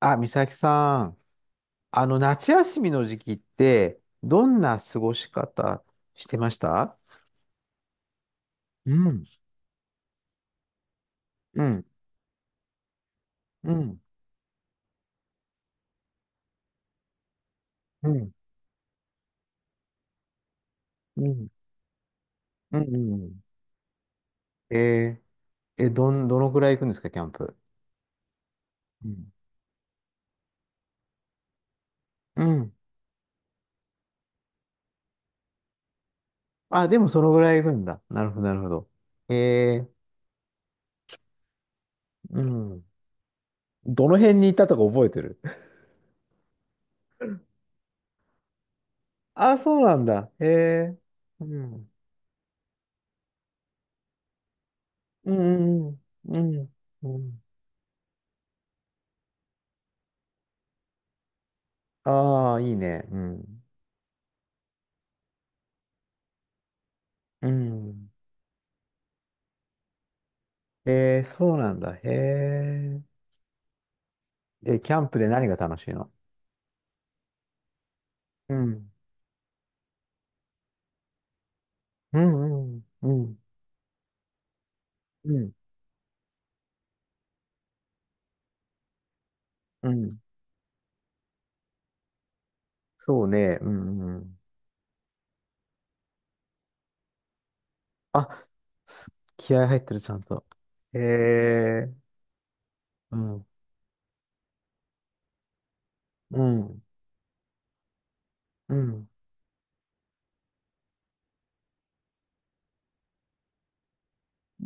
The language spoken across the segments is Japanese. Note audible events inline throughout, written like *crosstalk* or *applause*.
あ、美咲さん、夏休みの時期って、どんな過ごし方してました？うん、うん、うん、うん、うん、うん。うん。えー、え、どん、どのぐらい行くんですか、キャンプ。うん。うん。あ、でもそのぐらい行くんだ。なるほど、なるほど。えー、うん。どの辺にいたとか覚えてる？あ、そうなんだ。へえ。うん。うんうんうん。うん。うん。ああ、いいね。うん。うん。えー、そうなんだ。へえ。え、キャンプで何が楽しいの？うん。うん、うん、うん、うん、うん。そうね、うん、うん。あ、す気合入ってる、ちゃんと。へえ。うん、うん、うん、うん、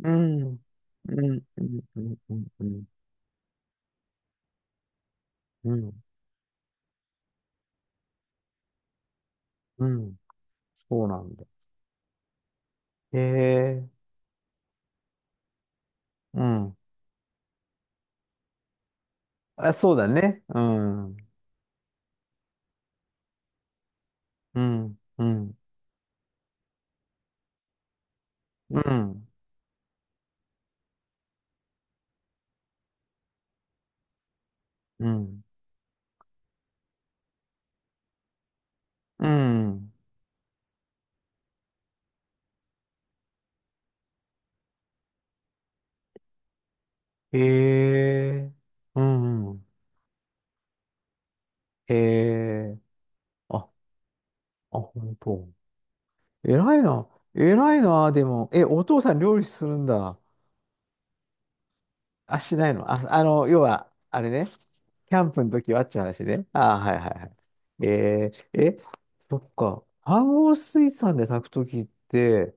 うん、うん、うん、うん、うん、うん、うん。そうなんだ。へえ。うん。あ、そうだね。うん、うん、うん、うん、うん、うん。ええ。うんうん。ええ。あ、あ、本当。偉いな。偉いな、でも。え、お父さん料理するんだ。あ、しないの。要は、あれね。キャンプの時はって話ね。ああ、はいはいはい。そっか。半合水産で炊く時って、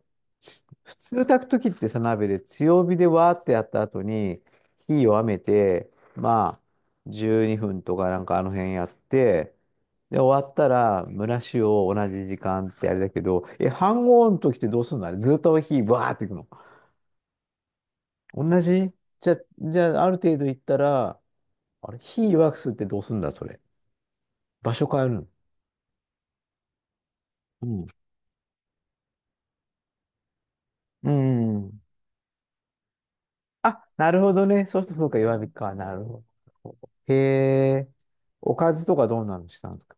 普通炊く時ってさ、鍋で強火でわーってやった後に、火弱めて、まあ、12分とかなんかあの辺やって、で、終わったら、蒸らしを同じ時間ってあれだけど、え、飯合の時ってどうすんの？あれずっと火わーっていくの？同じ？じゃ、じゃあ、ある程度いったら、あれ、火弱くすってどうすんだ、それ。場所変えるの？うん。うん。あ、なるほどね。そうするとそうか、弱火か。なるほど。へえ。おかずとかどうなのしたんですか？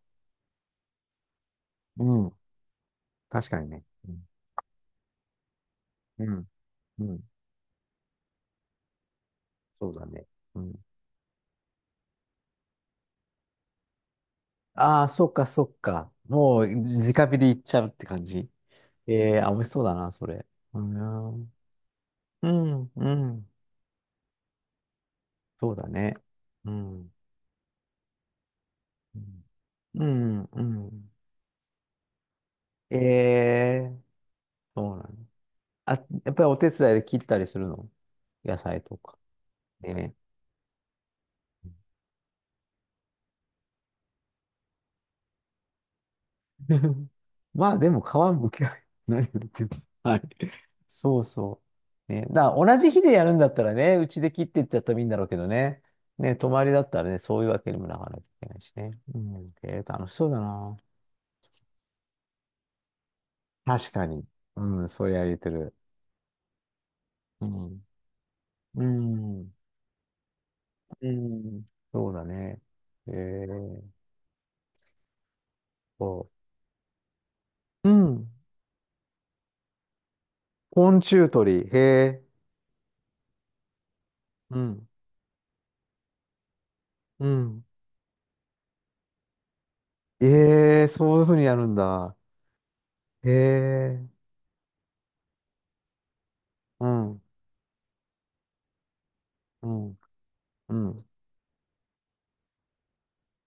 うん。確かにね。うん。うん。うん。そうだね。うん。ああ、そっか、そっか。もう、直火でいっちゃうって感じ。ええー、あ、美味しそうだな、それ。うん。うん、うん。そうだね。うん。うん。うん、うん。ええー、そうなんだ。あ、やっぱりお手伝いで切ったりするの？野菜とか。ね。*laughs* まあでも皮むきは *laughs* 何を言ってるの？はい。そうそう。ね。だから同じ日でやるんだったらね、うちで切っていっちゃったらいいんだろうけどね。ね、泊まりだったらね、そういうわけにもなかなきゃいけないしね。うん。えー、楽しそうだな。確かに。うん、それは言えてる。うん。うん。うん。そうだね。えー、そう。うん。昆虫取り。へえ。うん。うん。ええ、そういうふうにやるんだ。ええ、うん、うん、うん、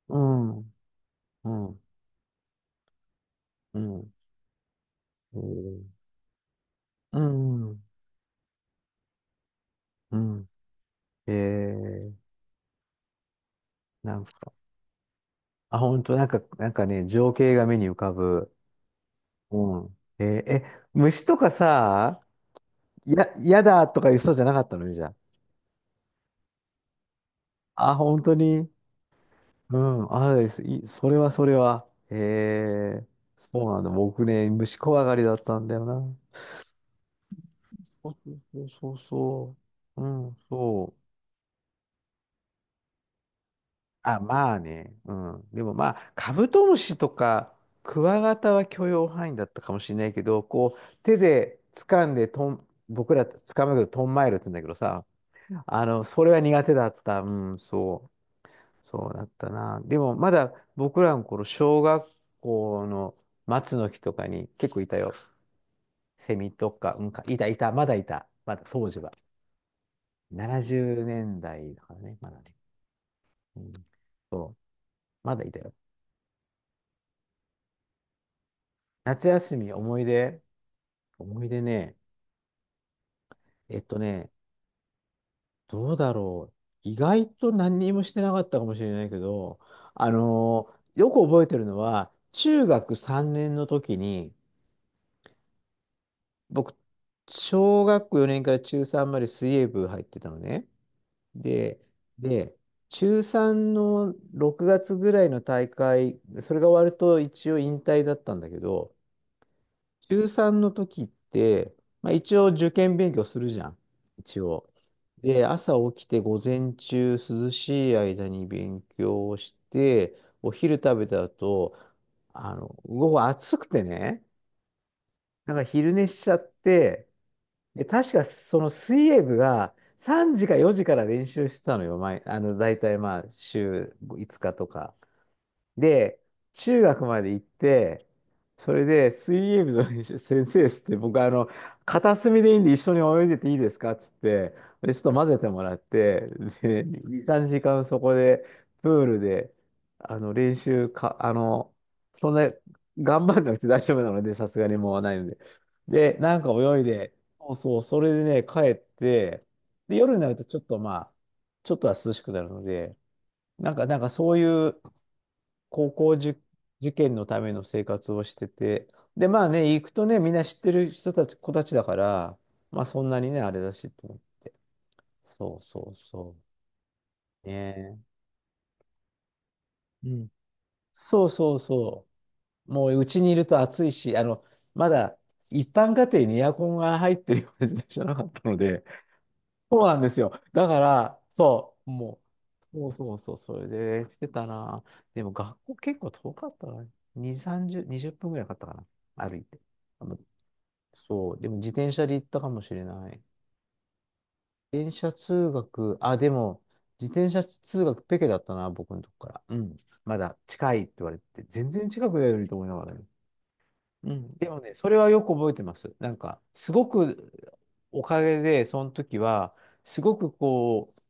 うん、うん、うん、えー、うん、うん、ええ、なんか、あ、本当、なんか、なんかね、情景が目に浮かぶ。うん。えーえ、虫とかさ、やだとか言う人じゃなかったのね、じゃあ。あ、本当に。うん、あ、いい、それはそれは。ええ、そうなんだ。僕ね、虫怖がりだったんだよな。そうそうそうそう。うん、そう。あ、まあね。うん。でもまあ、カブトムシとか、クワガタは許容範囲だったかもしれないけど、こう、手で掴んでとん、僕ら掴むけど、トンマイルって言うんだけどさ、それは苦手だった。うん、そう。そうだったな。でも、まだ僕らの頃、小学校の松の木とかに結構いたよ。セミとか、うんか、いた、いた、まだいた。まだ当時は。70年代だいだからね、まだね。うん、そう、まだいたよ。夏休み、思い出、思い出ね、えっとね、どうだろう。意外と何にもしてなかったかもしれないけど、よく覚えてるのは、中学3年の時に、僕、小学校4年から中3まで水泳部入ってたのね。で、で、中3の6月ぐらいの大会、それが終わると一応引退だったんだけど、中3の時って、まあ、一応受験勉強するじゃん。一応。で、朝起きて午前中涼しい間に勉強をして、お昼食べた後、午後暑くてね、なんか昼寝しちゃって、で、確かその水泳部が3時か4時から練習してたのよ。前、大体まあ週5日とか。で、中学まで行って、それで水泳部の練習先生っつって、僕、片隅でいいんで一緒に泳いでていいですかっつって、で、ちょっと混ぜてもらって、で、2、3時間そこで、プールで、あの、練習か、あの、そんな、頑張んなくて大丈夫なので、さすがにもうないので。で、なんか泳いで、そうそう、それでね、帰って、で、夜になるとちょっとまあ、ちょっとは涼しくなるので、なんかそういう、高校受、受験のための生活をしてて、で、まあね、行くとね、みんな知ってる人たち、子たちだから、まあそんなにね、あれだしと。そうそうそう。ねえ。うん。そうそうそう。もううちにいると暑いし、まだ一般家庭にエアコンが入ってるような時代じゃなかったので、そうなんですよ。だから、そう、もう、そうそうそう、それでしてたな。でも学校結構遠かったな。2、30、20分ぐらいかかったかな。歩いて。そう、でも自転車で行ったかもしれない。自転車通学、あ、でも、自転車通学ペケだったな、僕のとこから。うん。まだ近いって言われて、全然近くだよりと思いながらね。うん。でもね、それはよく覚えてます。なんか、すごく、おかげで、その時は、すごくこう、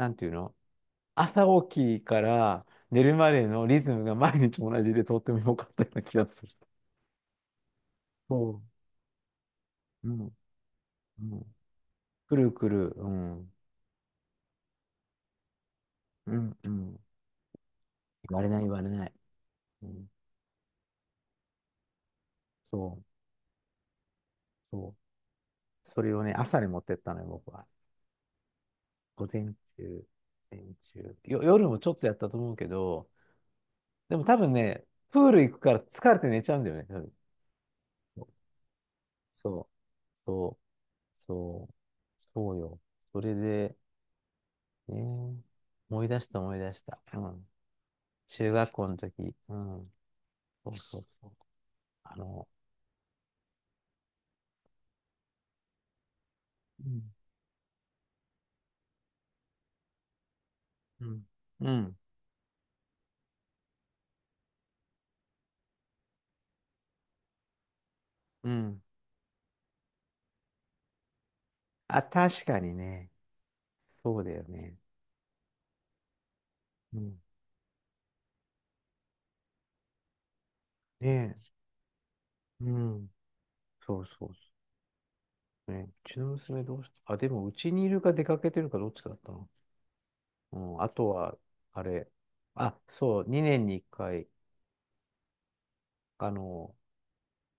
なんていうの？朝起きから寝るまでのリズムが毎日同じでとっても良かったような気がする。そう。うん。うん。くるくる、うん。うん。うん。言われない言われない。うん、そう、そう。それをね、朝に持ってったのよ、僕は。午前中、午前中。夜もちょっとやったと思うけど、でも多分ね、プール行くから疲れて寝ちゃうんだよね、多分。そう、そう、そう、そうよ。それで、ね、思い出した思い出した。うん。中学校の時。うん。そうそうそう。あの、うん、うん、うん、うん。あ、確かにね、そうだよね。うん。ねえ、うん。そうそうそうね。うちの娘どうしたあ、でもうちにいるか出かけてるかどっちだったの？うん。あとは、あれ。あ、そう、2年に1回、あの、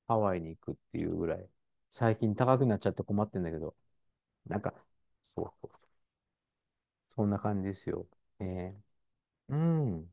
ハワイに行くっていうぐらい。最近高くなっちゃって困ってんだけど。なんか、そうそう。そんな感じですよ。えー、うん。